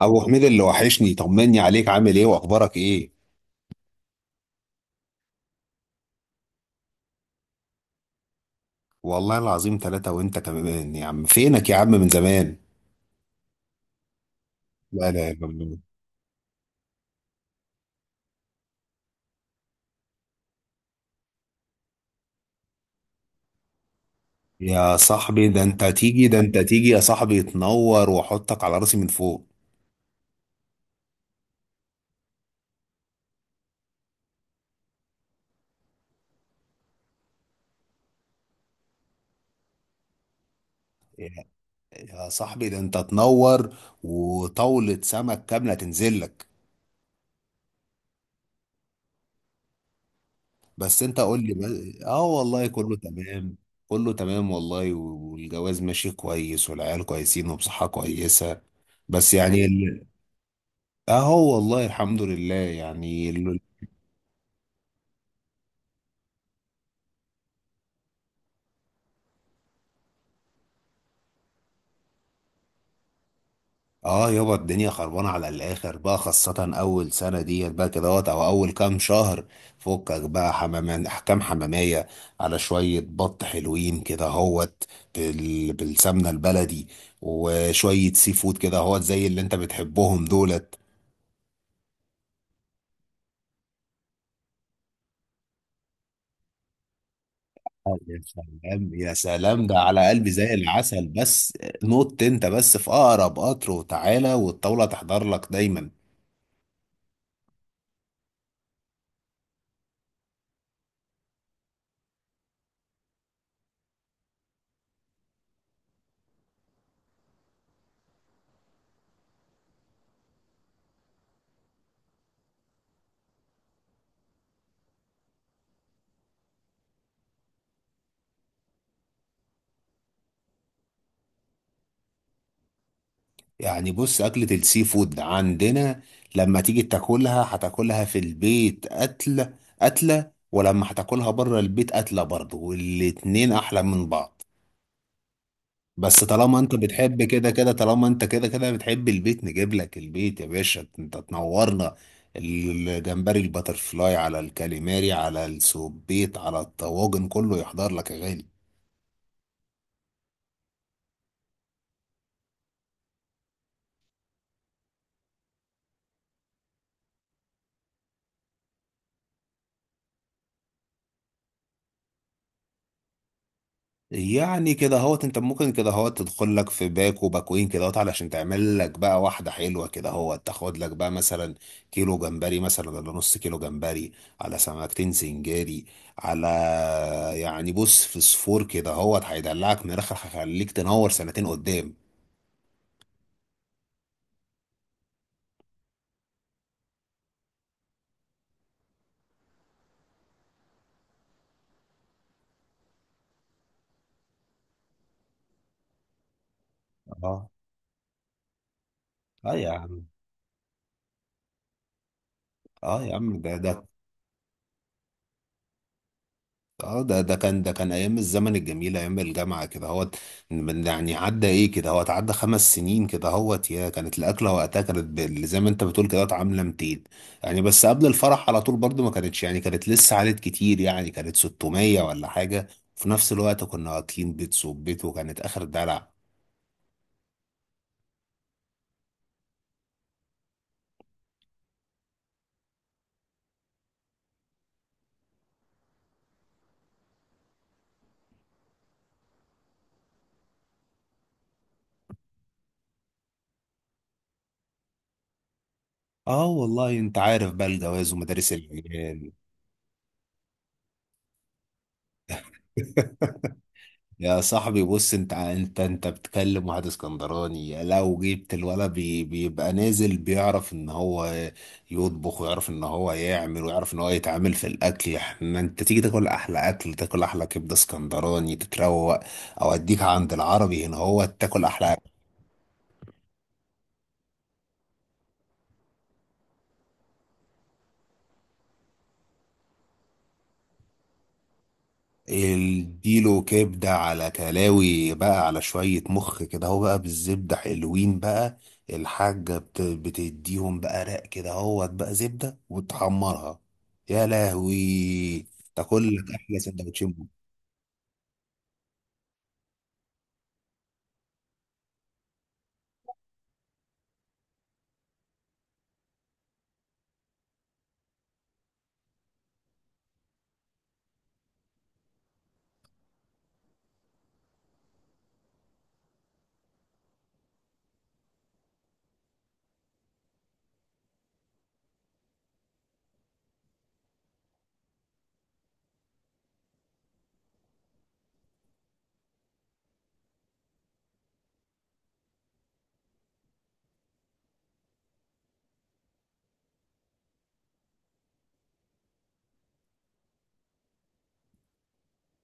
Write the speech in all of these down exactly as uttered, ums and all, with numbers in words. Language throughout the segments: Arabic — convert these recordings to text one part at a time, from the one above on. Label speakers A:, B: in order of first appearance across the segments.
A: ابو حميد، اللي وحشني، طمني عليك، عامل ايه واخبارك ايه؟ والله العظيم، ثلاثة. وانت كمان يا عم، فينك يا عم من زمان؟ لا لا يا جميل. يا صاحبي، ده انت تيجي ده انت تيجي يا صاحبي، تنور واحطك على راسي من فوق. يا يا صاحبي، ده انت تنور، وطاولة سمك كاملة تنزل لك. بس انت قول لي، بس- اه والله كله تمام. كله تمام والله، والجواز ماشي كويس، والعيال كويسين وبصحة كويسة. بس يعني، اهو والله الحمد لله، يعني ال- اه يابا، الدنيا خربانه على الاخر بقى، خاصه اول سنه ديت بقى كده وقت، او اول كام شهر. فكك بقى حمامان احكام حماميه، على شويه بط حلوين كده هوت، بال... بالسمنه البلدي، وشويه سي فود كده هوت، زي اللي انت بتحبهم دولت. آه، يا سلام يا سلام، ده على قلبي زي العسل. بس نط انت بس في اقرب قطر وتعالى، والطاوله تحضر لك دايما. يعني بص، أكلة السي فود عندنا لما تيجي تاكلها، هتاكلها في البيت قتلة، قتلة. ولما هتاكلها بره البيت قتلة برضه، والاتنين أحلى من بعض. بس طالما أنت بتحب كده كده، طالما أنت كده كده بتحب البيت، نجيب لك البيت يا باشا، أنت تنورنا. الجمبري الباترفلاي على الكاليماري على السوبيت على الطواجن، كله يحضر لك يا غالي. يعني كده هوت، انت ممكن كده هوت تدخل لك في باك وباكوين كده هوت، علشان تعمل لك بقى واحدة حلوة كده هوت، تاخد لك بقى مثلا كيلو جمبري، مثلا، ولا نص كيلو جمبري، على سمكتين سنجاري، على يعني بص، فسفور كده هوت هيدلعك من الاخر، هيخليك تنور سنتين قدام. اه، اه يا عم، اه يا عم، ده ده اه ده ده كان ده كان ايام الزمن الجميل، ايام الجامعه كده هوت. من- يعني عدى ايه كده هوت، عدى خمس سنين كده هوت، يا كانت الاكله وقتها كانت بال- زي ما انت بتقول كده هوت عامله مئتين. يعني بس قبل الفرح على طول برضو ما كانتش، يعني كانت لسه عالت كتير، يعني كانت ستمية ولا حاجه. في نفس الوقت كنا واكلين بيت صوب بيت، وكانت اخر دلع. اه والله، انت عارف بقى، الجواز ومدارس العيال. يا صاحبي بص، انت انت انت بتكلم واحد اسكندراني، لو جبت الولد بي بيبقى نازل بيعرف ان هو يطبخ، ويعرف ان هو يعمل، ويعرف ان هو يتعامل في الاكل. احنا انت تيجي تاكل احلى اكل، تاكل احلى كبده اسكندراني تتروق، او اديك عند العربي هنا هو تاكل احلى. اديله كبدة على كلاوي بقى، على شوية مخ كده هو بقى بالزبدة حلوين بقى، الحاجة بت- بتديهم بقى رق كده هو بقى زبدة وتحمرها. يا لهوي. تاكل لك أحلى سندوتشين بكرة.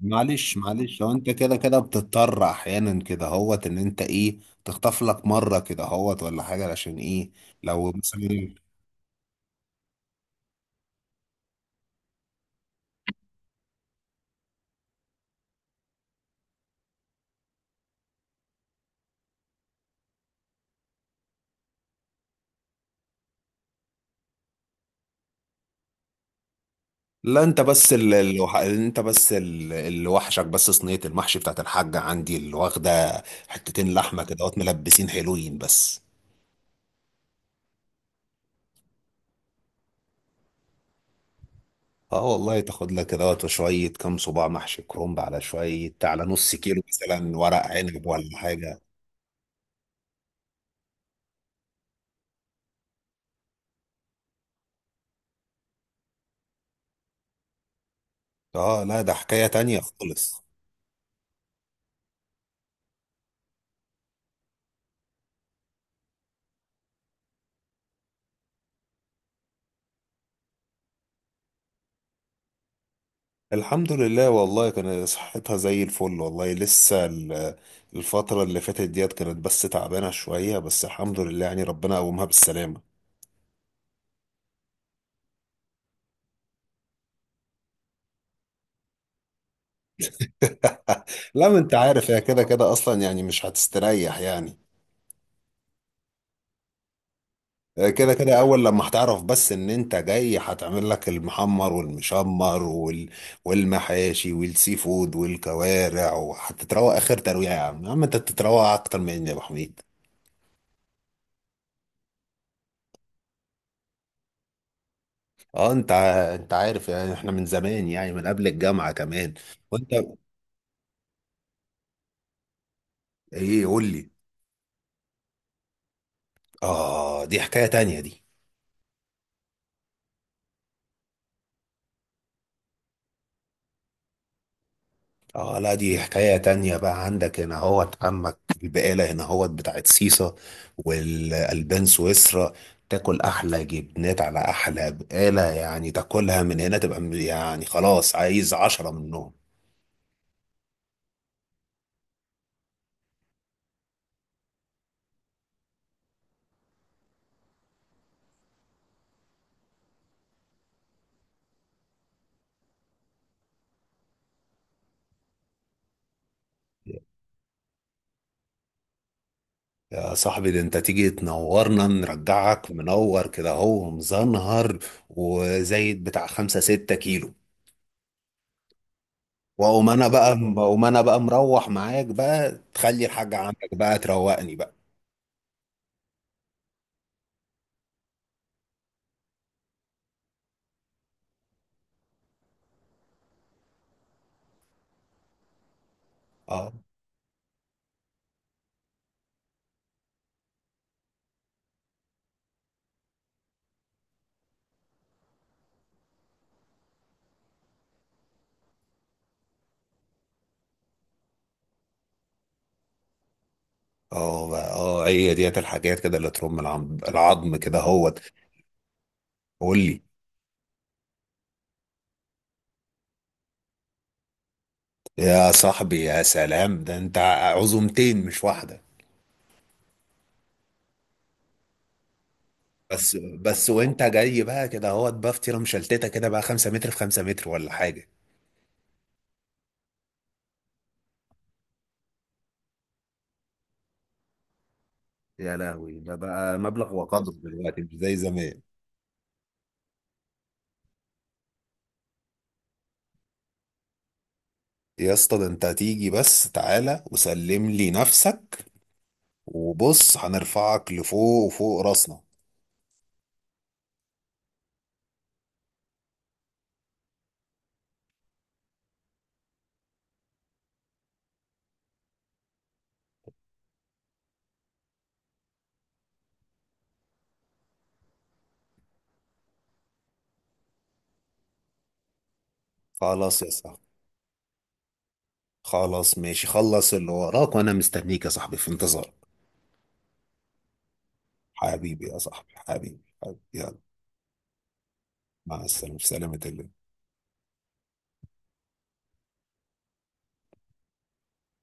A: معلش معلش، هو انت كده كده بتضطر احيانا كده هوت ان انت ايه، تخطف لك مره كده هوت، ولا حاجه عشان ايه لو مثلا. لا انت بس، ال... ال... انت بس ال... اللي وحشك بس صينية المحشي بتاعت الحاجة عندي، اللي واخدة حتتين لحمة كده وات، ملبسين حلوين بس. اه والله، تاخد لك كده وات شوية كام صباع محشي كرنب، على شوية، على نص كيلو مثلا ورق عنب ولا حاجة. اه، لا، ده حكاية تانية خالص. الحمد لله والله، كان صحتها زي الفل والله، لسه ال- الفترة اللي فاتت ديت كانت بس تعبانة شوية، بس الحمد لله يعني ربنا قومها بالسلامة. لا ما انت عارف، هي كده كده اصلا يعني مش هتستريح يعني. هي كده كده اول لما هتعرف بس ان انت جاي، هتعمل لك المحمر والمشمر وال... والمحاشي والسي فود والكوارع، وهتتروق اخر ترويع. يا عم، يا عم، انت بتتروق اكتر مني يا ابو حميد. اه، انت ع- انت عارف يعني، احنا من زمان يعني من قبل الجامعة كمان. وانت ايه؟ قول لي. اه دي حكاية تانية دي. اه لا، دي حكاية تانية بقى، عندك هنا هوت عمك البقالة هنا هوت بتاعت سيسا، والألبان سويسرا، تاكل أحلى جبنات على أحلى بقالة، يعني تاكلها من هنا تبقى م- يعني خلاص عايز عشرة منهم. يا صاحبي، ده انت تيجي تنورنا، نرجعك منور كده هو مزنهر، وزايد بتاع خمسة ستة كيلو. واقوم انا بقى واقوم انا بقى مروح معاك بقى، تخلي الحاجة عندك بقى تروقني بقى. اه، اه بقى، اه هي ديت الحاجات كده اللي ترم العظم، العظم كده هوت. قول لي. يا صاحبي يا سلام، ده انت عزومتين مش واحده. بس بس وانت جاي بقى كده هوت، بقى فطيره مشلتته كده بقى 5 متر في 5 متر، ولا حاجه. يا لهوي، ده بقى مبلغ وقدره دلوقتي، مش زي زمان. يا اسطى، ده انت هتيجي بس تعالى وسلم لي نفسك، وبص هنرفعك لفوق وفوق راسنا. خلاص يا صاحبي، خلاص ماشي، خلص اللي وراك وانا مستنيك يا صاحبي في انتظار. حبيبي يا صاحبي، حبيبي حبيبي، يلا مع السلامة في سلامة الله.